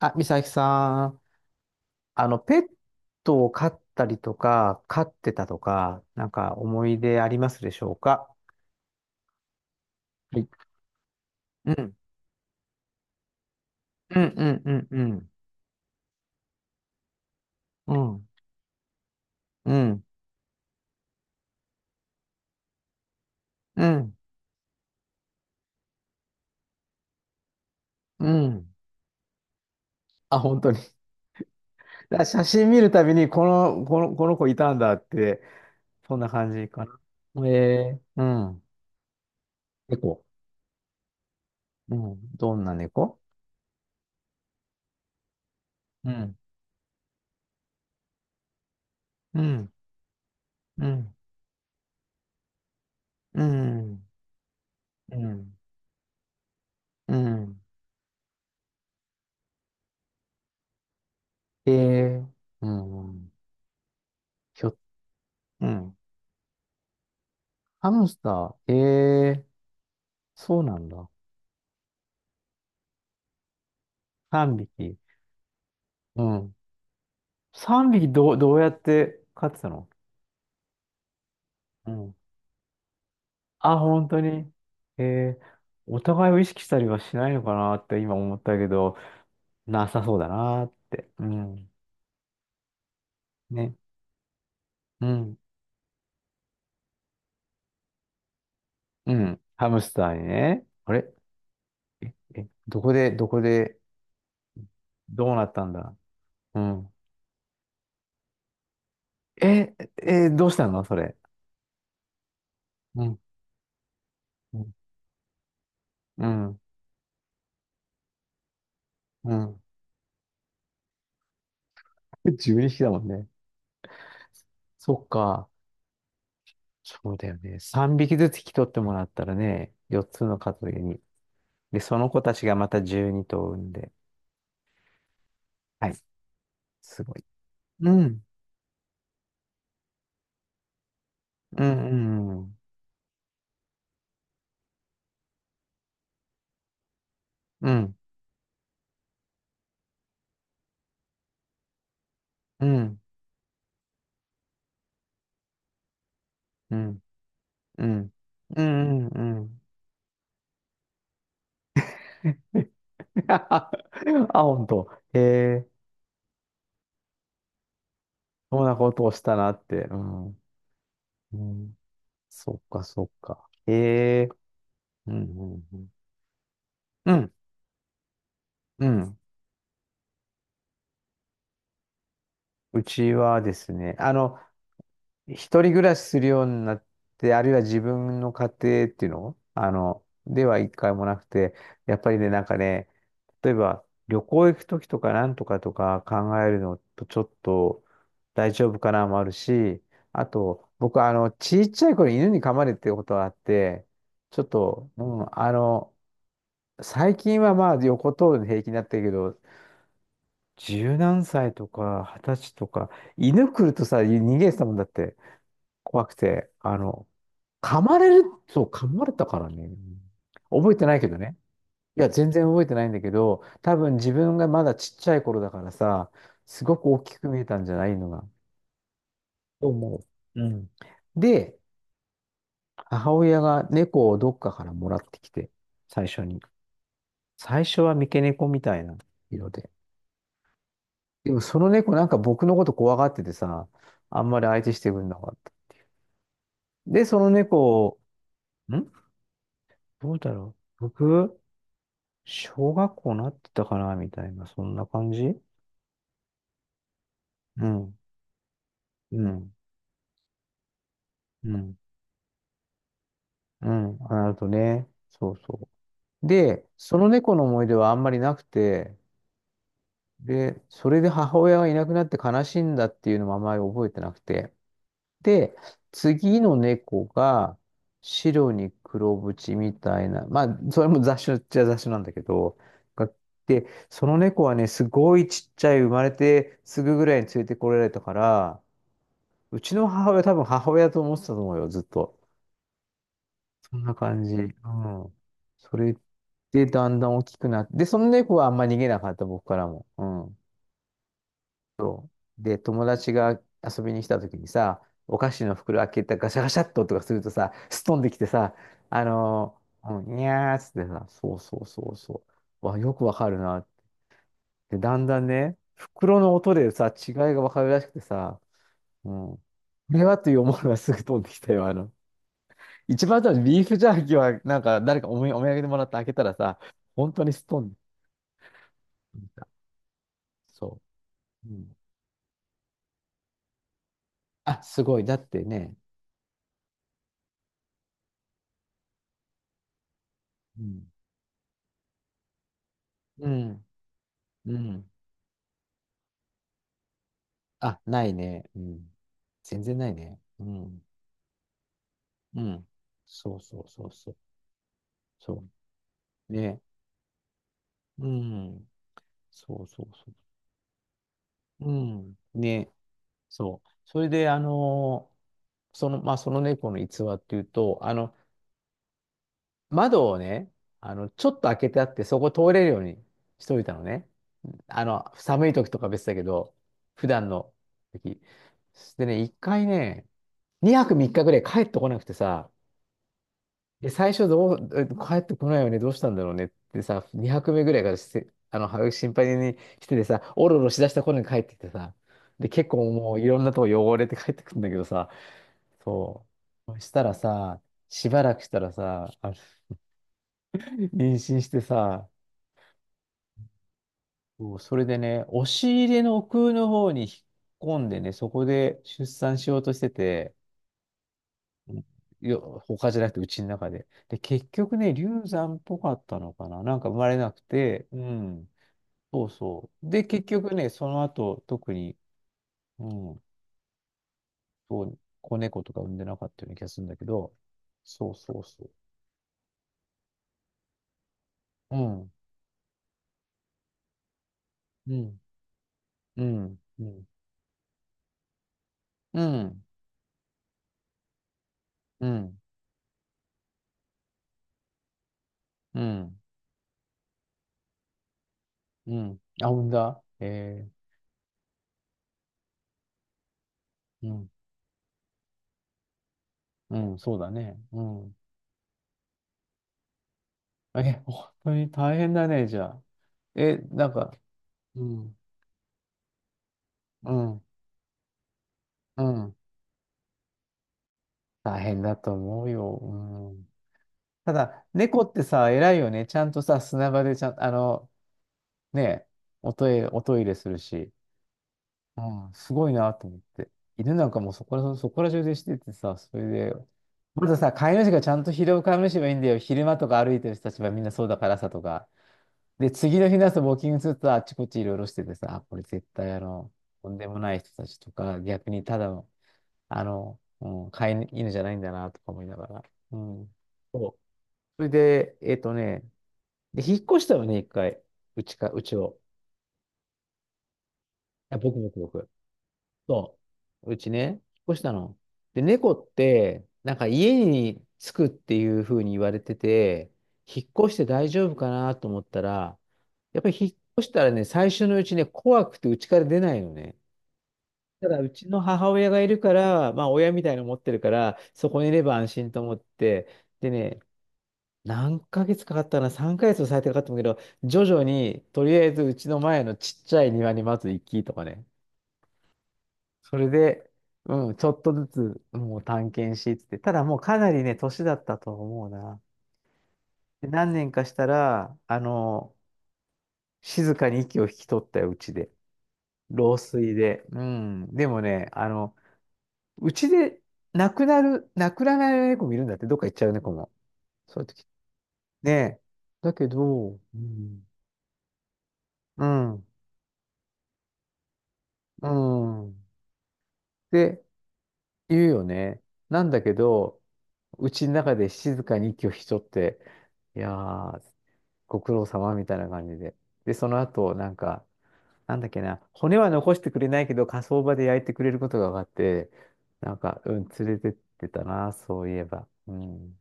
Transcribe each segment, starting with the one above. あ、美咲さん、ペットを飼ったりとか、飼ってたとか、なんか思い出ありますでしょうか？はい。うん。うん、うん、うん、うん。うん、うん、うん、うん。あ、本当に。だ写真見るたびに、この子いたんだって、そんな感じかな。うん。猫。うん。どんな猫？うん、うん、うん、うん、うん、うん。えー、うん。ひょ、うん。ハムスター、ええ、そうなんだ。3匹。うん。3匹どうやって飼ってたの？うん。あ、本当に。ええ。お互いを意識したりはしないのかなって今思ったけど、なさそうだなって。うん。ね。うん。うん。ハムスターにね。あれ、どこで、どうなったんだ？うん。え、どうしたのそれ。うん。うん。うん。うん。12匹だもんね。そっか。そうだよね。3匹ずつ引き取ってもらったらね、4つの数族に。で、その子たちがまた12頭産んで。はい。すごい。うん。うん。うん。うん。うん。うん。うん。うん。うん。あ、本当。へえ、そんなことをしたなって。うん。うん。そっか、そっか。へえ。うん。うん。うん。うん。うん。うちはですね、一人暮らしするようになって、あるいは自分の家庭っていうのでは一回もなくて、やっぱりね、なんかね、例えば旅行行くときとかなんとかとか考えるのとちょっと大丈夫かなもあるし、あと、僕、ちっちゃい頃犬に噛まれてることがあって、ちょっと、うん、最近はまあ横通るの平気になったけど、十何歳とか二十歳とか、犬来るとさ、逃げてたもんだって。怖くて、噛まれる、そう、噛まれたからね。覚えてないけどね。いや、全然覚えてないんだけど、多分自分がまだちっちゃい頃だからさ、すごく大きく見えたんじゃないのが。と思う。うん。で、母親が猫をどっかからもらってきて、最初に。最初は三毛猫みたいな色で。でもその猫なんか僕のこと怖がっててさ、あんまり相手してくれなかった。で、その猫を、んどうだろう。僕、小学校なってたかなみたいな、そんな感じ。うん、うん、うん、うん。あとね、そうそう。で、その猫の思い出はあんまりなくて、で、それで母親がいなくなって悲しいんだっていうのもあんまり覚えてなくて。で、次の猫が白に黒縁みたいな、まあ、それも雑種っちゃ雑種なんだけど、が、で、その猫はね、すごいちっちゃい、生まれてすぐぐらいに連れてこられたから、うちの母親、多分母親と思ってたと思うよ、ずっと。そんな感じ。うん。それでだんだん大きくなって、で、その猫はあんま逃げなかった、僕からも。うん。で、友達が遊びに来た時にさ、お菓子の袋開けたガシャガシャっととかするとさ、すっ飛んできてさ、うん、にゃーっつってさ、そうそうそうそう。わ、よくわかるなって。だんだんね、袋の音でさ、違いがわかるらしくてさ、うん。これはという思いはすぐ飛んできたよ。一番多分ビーフジャーキーは、なんか誰かおみお土産でもらって開けたらさ、本当にストン、そう。うん。あ、すごい。だってね。うん。うん。うん。あ、ないね。うん。全然ないね。うん。うん。そうそうそうそう。そう。ね。うん。そうそうそう。うん。ね。そう。それで、その、まあ、その猫の逸話っていうと、窓をね、ちょっと開けてあって、そこ通れるようにしといたのね。寒い時とか別だけど、普段の時。でね、一回ね、2泊3日ぐらい帰ってこなくてさ、で、最初どう、帰ってこないよね、どうしたんだろうねってさ、2泊目ぐらいからして、心配にしててさ、おろおろしだした頃に帰ってきてさ、で、結構もういろんなとこ汚れて帰ってくるんだけどさ、そう。そしたらさ、しばらくしたらさ、妊娠してさ、そう、それでね、押し入れの奥の方に引っ込んでね、そこで出産しようとしてて、うんよ、他じゃなくてうちの中で。で、結局ね、流産っぽかったのかな、なんか生まれなくて、うん。そうそう。で、結局ね、その後、特に、うん、そう、子猫とか産んでなかったような気がするんだけど、そうそうそう。うん、うん、うん、うん、うん、うん、うん、うん。あ、産んだ、うん、うん、そうだね。うん。え、本当に大変だね、じゃあ。え、なんか、うん、うん、うん。大変だと思うよ。うん。ただ、猫ってさ、偉いよね。ちゃんとさ、砂場でちゃん、あの、ね、おトイレするし。うん、すごいなと思って。犬なんかもうそこら中でしててさ、それで、まずさ、飼い主がちゃんと拾う飼い主はいいんだよ。昼間とか歩いてる人たちはみんなそうだからさとか。で、次の日の朝、ウォーキングすると、あっちこっちいろいろしててさ、あ、これ絶対とんでもない人たちとか、逆にただの、うん、飼い犬じゃないんだな、とか思いながら。うん。そう。それで、で、引っ越したよね、一回。うちか、うちを。あ、僕。そう。うちね、引っ越したの。で、猫って、なんか家に着くっていうふうに言われてて、引っ越して大丈夫かなと思ったら、やっぱり引っ越したらね、最初のうちね、怖くて家から出ないのね。ただ、うちの母親がいるから、まあ、親みたいなの持ってるから、そこにいれば安心と思って、でね、何ヶ月かかったかな、3ヶ月も最低かかったんだけど、徐々に、とりあえずうちの前のちっちゃい庭にまず行きとかね。それで、うん、ちょっとずつ、もう探検し、つって。ただもうかなりね、年だったと思うな。で何年かしたら、静かに息を引き取ったよ、うちで。老衰で。うん。でもね、うちで亡くなる、亡くならない猫もいるんだって、どっか行っちゃう猫も。そういう時。ねえ。だけど、うん。うん。うん。って言うよね。なんだけど、うちの中で静かに息を引き取って、いやー、ご苦労様みたいな感じで。で、その後、なんか、なんだっけな、骨は残してくれないけど、火葬場で焼いてくれることが分かって、なんか、うん、連れてってたな、そういえば。うん。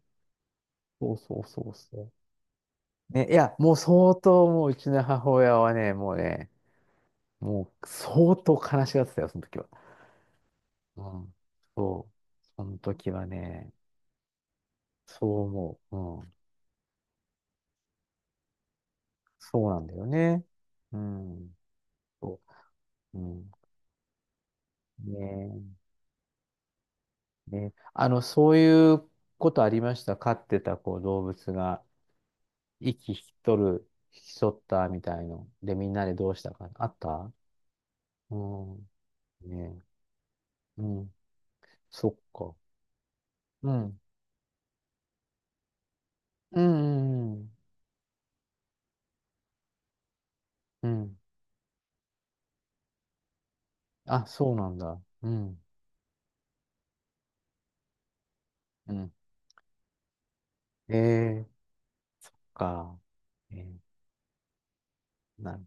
そうそうそうそう。ね、いや、もう相当、もううちの母親はね、もうね、もう相当悲しがってたよ、その時は。うん。そう。その時はね、そう思う。うん。そうなんだよね。うん。そう。うん。ねね、そういうことありました。飼ってたこう動物が息引き取ったみたいの。で、みんなでどうしたか。あった？うん。ね。うん。そっか。うん。うん。うん。うん、うん、あ、そうなんだ。うん。うん。ええか。えーなる